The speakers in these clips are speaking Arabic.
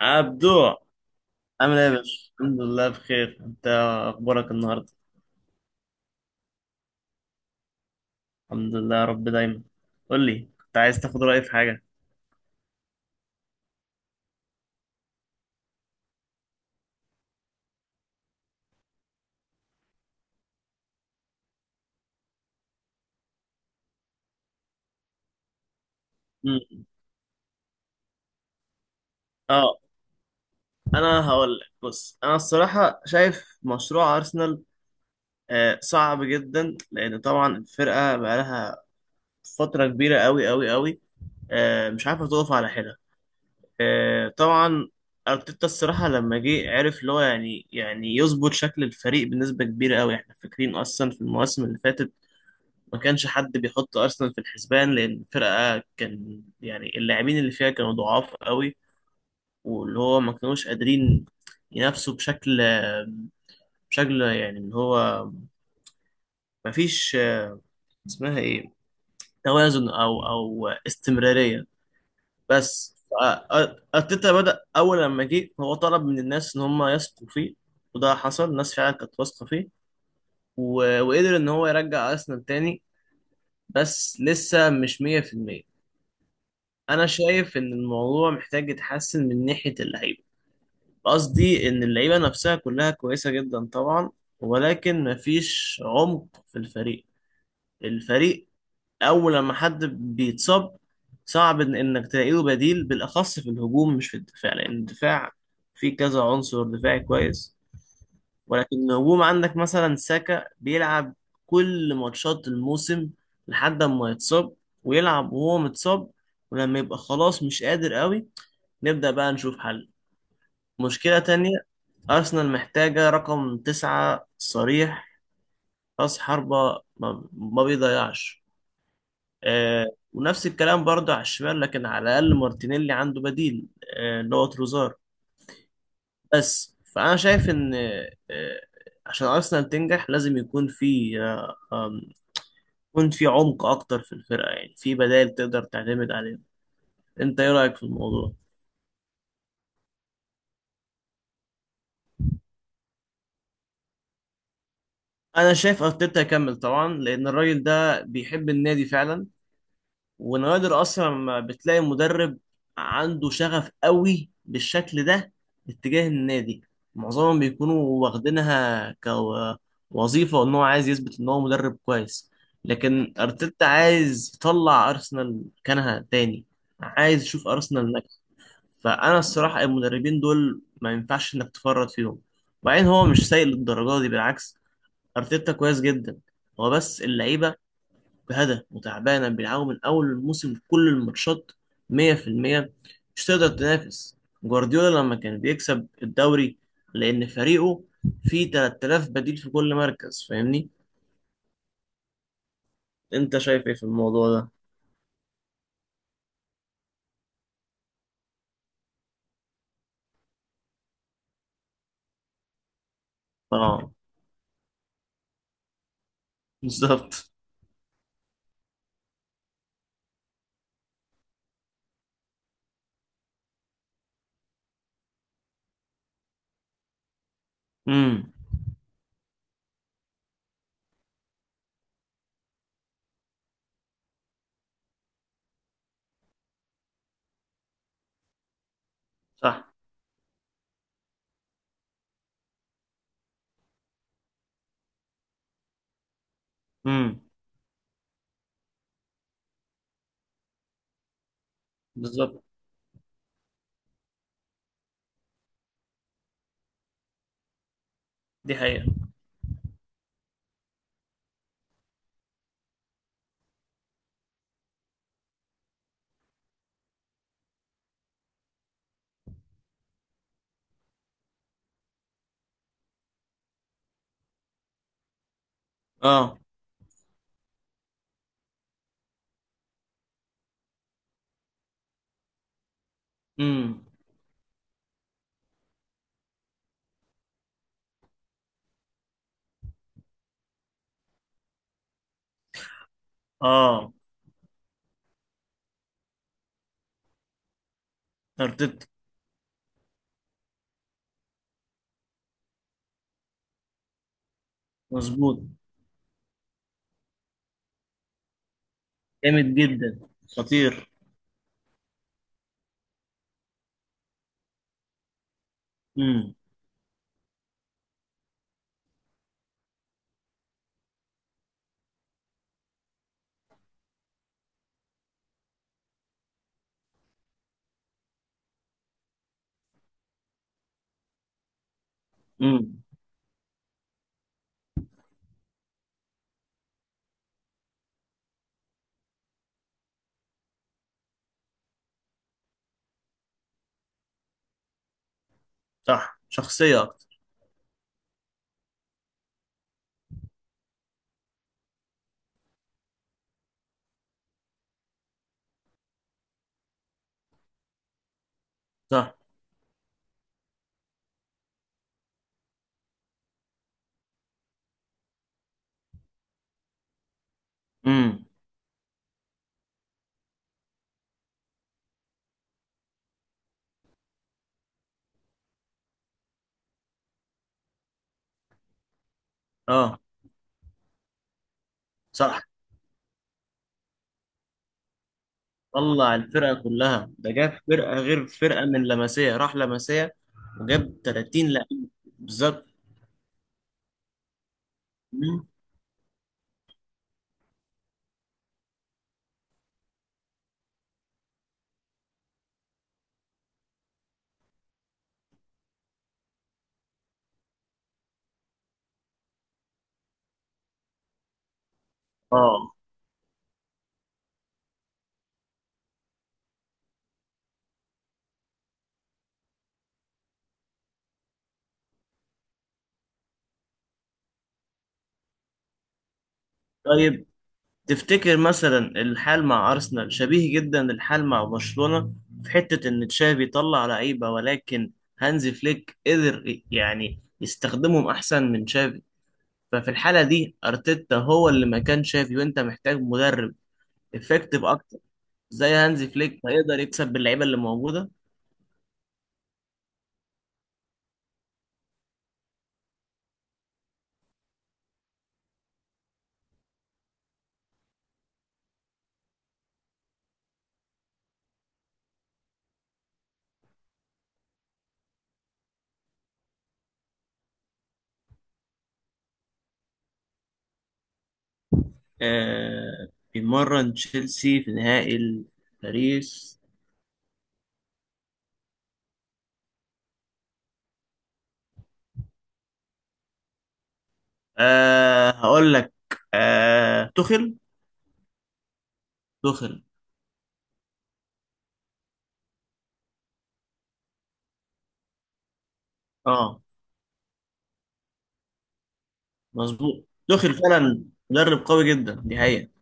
عبدو، عامل ايه يا باشا؟ الحمد لله بخير، انت اخبارك النهارده؟ الحمد لله يا رب دايما. قول لي، كنت عايز تاخد رأيي في حاجة؟ مم. اه، انا هقول لك. بص، انا الصراحة شايف مشروع ارسنال صعب جدا لان طبعا الفرقة بقالها فترة كبيرة قوي قوي قوي، مش عارفة تقف على حيلها. طبعا ارتيتا الصراحة لما جه عرف اللي هو يعني يظبط شكل الفريق بنسبة كبيرة قوي. احنا فاكرين اصلا في المواسم اللي فاتت ما كانش حد بيحط ارسنال في الحسبان، لان الفرقه كان يعني اللاعبين اللي فيها كانوا ضعاف قوي، واللي هو ما كانوش قادرين ينافسوا بشكل يعني اللي هو ما فيش اسمها ايه، توازن او استمراريه. بس ارتيتا بدأ، اول لما جه هو طلب من الناس ان هم يثقوا فيه، وده حصل. الناس فعلا كانت واثقه فيه، و- وقدر ان هو يرجع ارسنال تاني، بس لسه مش 100%. انا شايف ان الموضوع محتاج يتحسن من ناحيه اللعيبه. قصدي ان اللعيبه نفسها كلها كويسه جدا طبعا، ولكن مفيش عمق في الفريق. الفريق اول لما حد بيتصاب صعب إن انك تلاقي له بديل، بالاخص في الهجوم مش في الدفاع، لان الدفاع فيه كذا عنصر دفاعي كويس. ولكن الهجوم عندك مثلا ساكا بيلعب كل ماتشات الموسم لحد ما يتصاب، ويلعب وهو متصاب، ولما يبقى خلاص مش قادر قوي نبدأ بقى نشوف حل. مشكلة تانية، أرسنال محتاجة رقم تسعة صريح، رأس حربة ما بيضيعش. آه. ونفس الكلام برضه على الشمال، لكن على الأقل مارتينيلي عنده بديل، اللي هو تروزار. بس فأنا شايف إن عشان أرسنال تنجح لازم آم، يكون في عمق أكتر في الفرقة، يعني في بدائل تقدر تعتمد عليها. أنت إيه رأيك في الموضوع؟ أنا شايف أرتيتا يكمل طبعا، لأن الراجل ده بيحب النادي فعلا. ونوادر اصلا ما بتلاقي مدرب عنده شغف قوي بالشكل ده اتجاه النادي. معظمهم بيكونوا واخدينها كوظيفة، وان هو عايز يثبت ان هو مدرب كويس، لكن ارتيتا عايز يطلع ارسنال مكانها تاني، عايز يشوف ارسنال ناجحة. فانا الصراحة المدربين دول ما ينفعش انك تفرط فيهم. وبعدين هو مش سيء للدرجة دي، بالعكس، ارتيتا كويس جدا. هو بس اللعيبة بهدف وتعبانة، بيلعبوا من أول الموسم كل الماتشات 100%، مش تقدر تنافس جوارديولا لما كان بيكسب الدوري، لأن فريقه فيه 3000 بديل في كل مركز، فاهمني؟ أنت شايف إيه في الموضوع ده؟ آه، بالظبط. امم. صح. امم. بالظبط. دي حقيقة. آه. امم. آه. أرتيتا. مظبوط. جامد جدا، خطير. امم. امم. صح، شخصية أكتر. صح. امم. آه. صح، طلع الفرقة كلها، ده جاب فرقة غير فرقة، من لمسية راح لمسية، وجاب 30 لعيب. بالظبط. مم. اه، طيب، تفتكر مثلا الحال مع أرسنال شبيه جدا الحال مع برشلونة، في حتة إن تشافي طلع لعيبة ولكن هانزي فليك قدر يعني يستخدمهم أحسن من تشافي؟ ففي الحالة دي أرتيتا هو اللي مكان تشافي، وأنت محتاج مدرب افكتيف أكتر زي هانزي فليك، هيقدر يكسب باللعيبة اللي موجودة. آه. بيمرن تشيلسي في نهائي باريس. هقول لك، توخيل. توخيل. اه، مظبوط، توخيل فعلا. مدرب قوي جدا، دي حقيقة.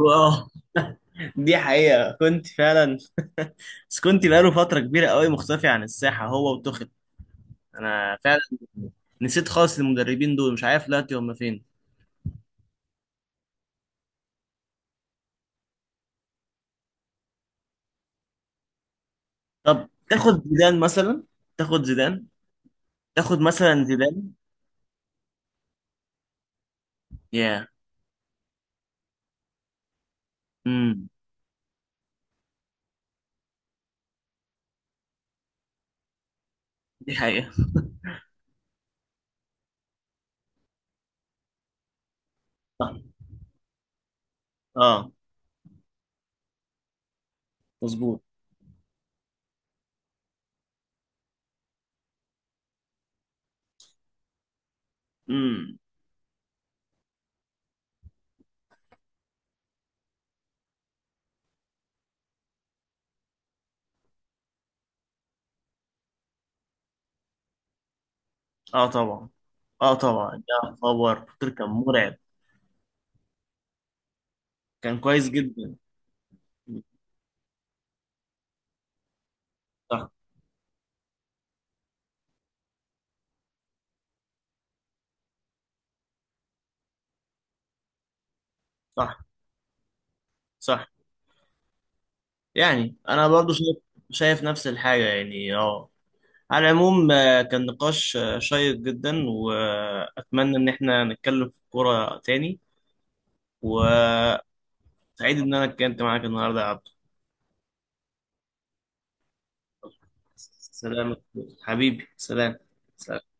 اه، دي حقيقة. كنت فعلا، بس كنت بقاله فترة كبيرة قوي مختفي عن الساحة هو وتوخيل. انا فعلا نسيت خالص المدربين دول، مش عارف دلوقتي هم فين. طب تاخد زيدان مثلا، تاخد زيدان، تاخد مثلا زيدان. يا. امم. دي حقيقة. اه، مظبوط. امم. اه، طبعا. اه، طبعا، يا خبر بوتر كان مرعب. كان كويس جدا. صح. صح. صح، يعني انا برضو شايف، شايف نفس الحاجه يعني. اه. على العموم، كان نقاش شيق جدا، واتمنى ان احنا نتكلم في الكوره تاني. وسعيد ان انا اتكلمت معاك النهارده يا عبد. سلام. حبيبي سلام. سلام.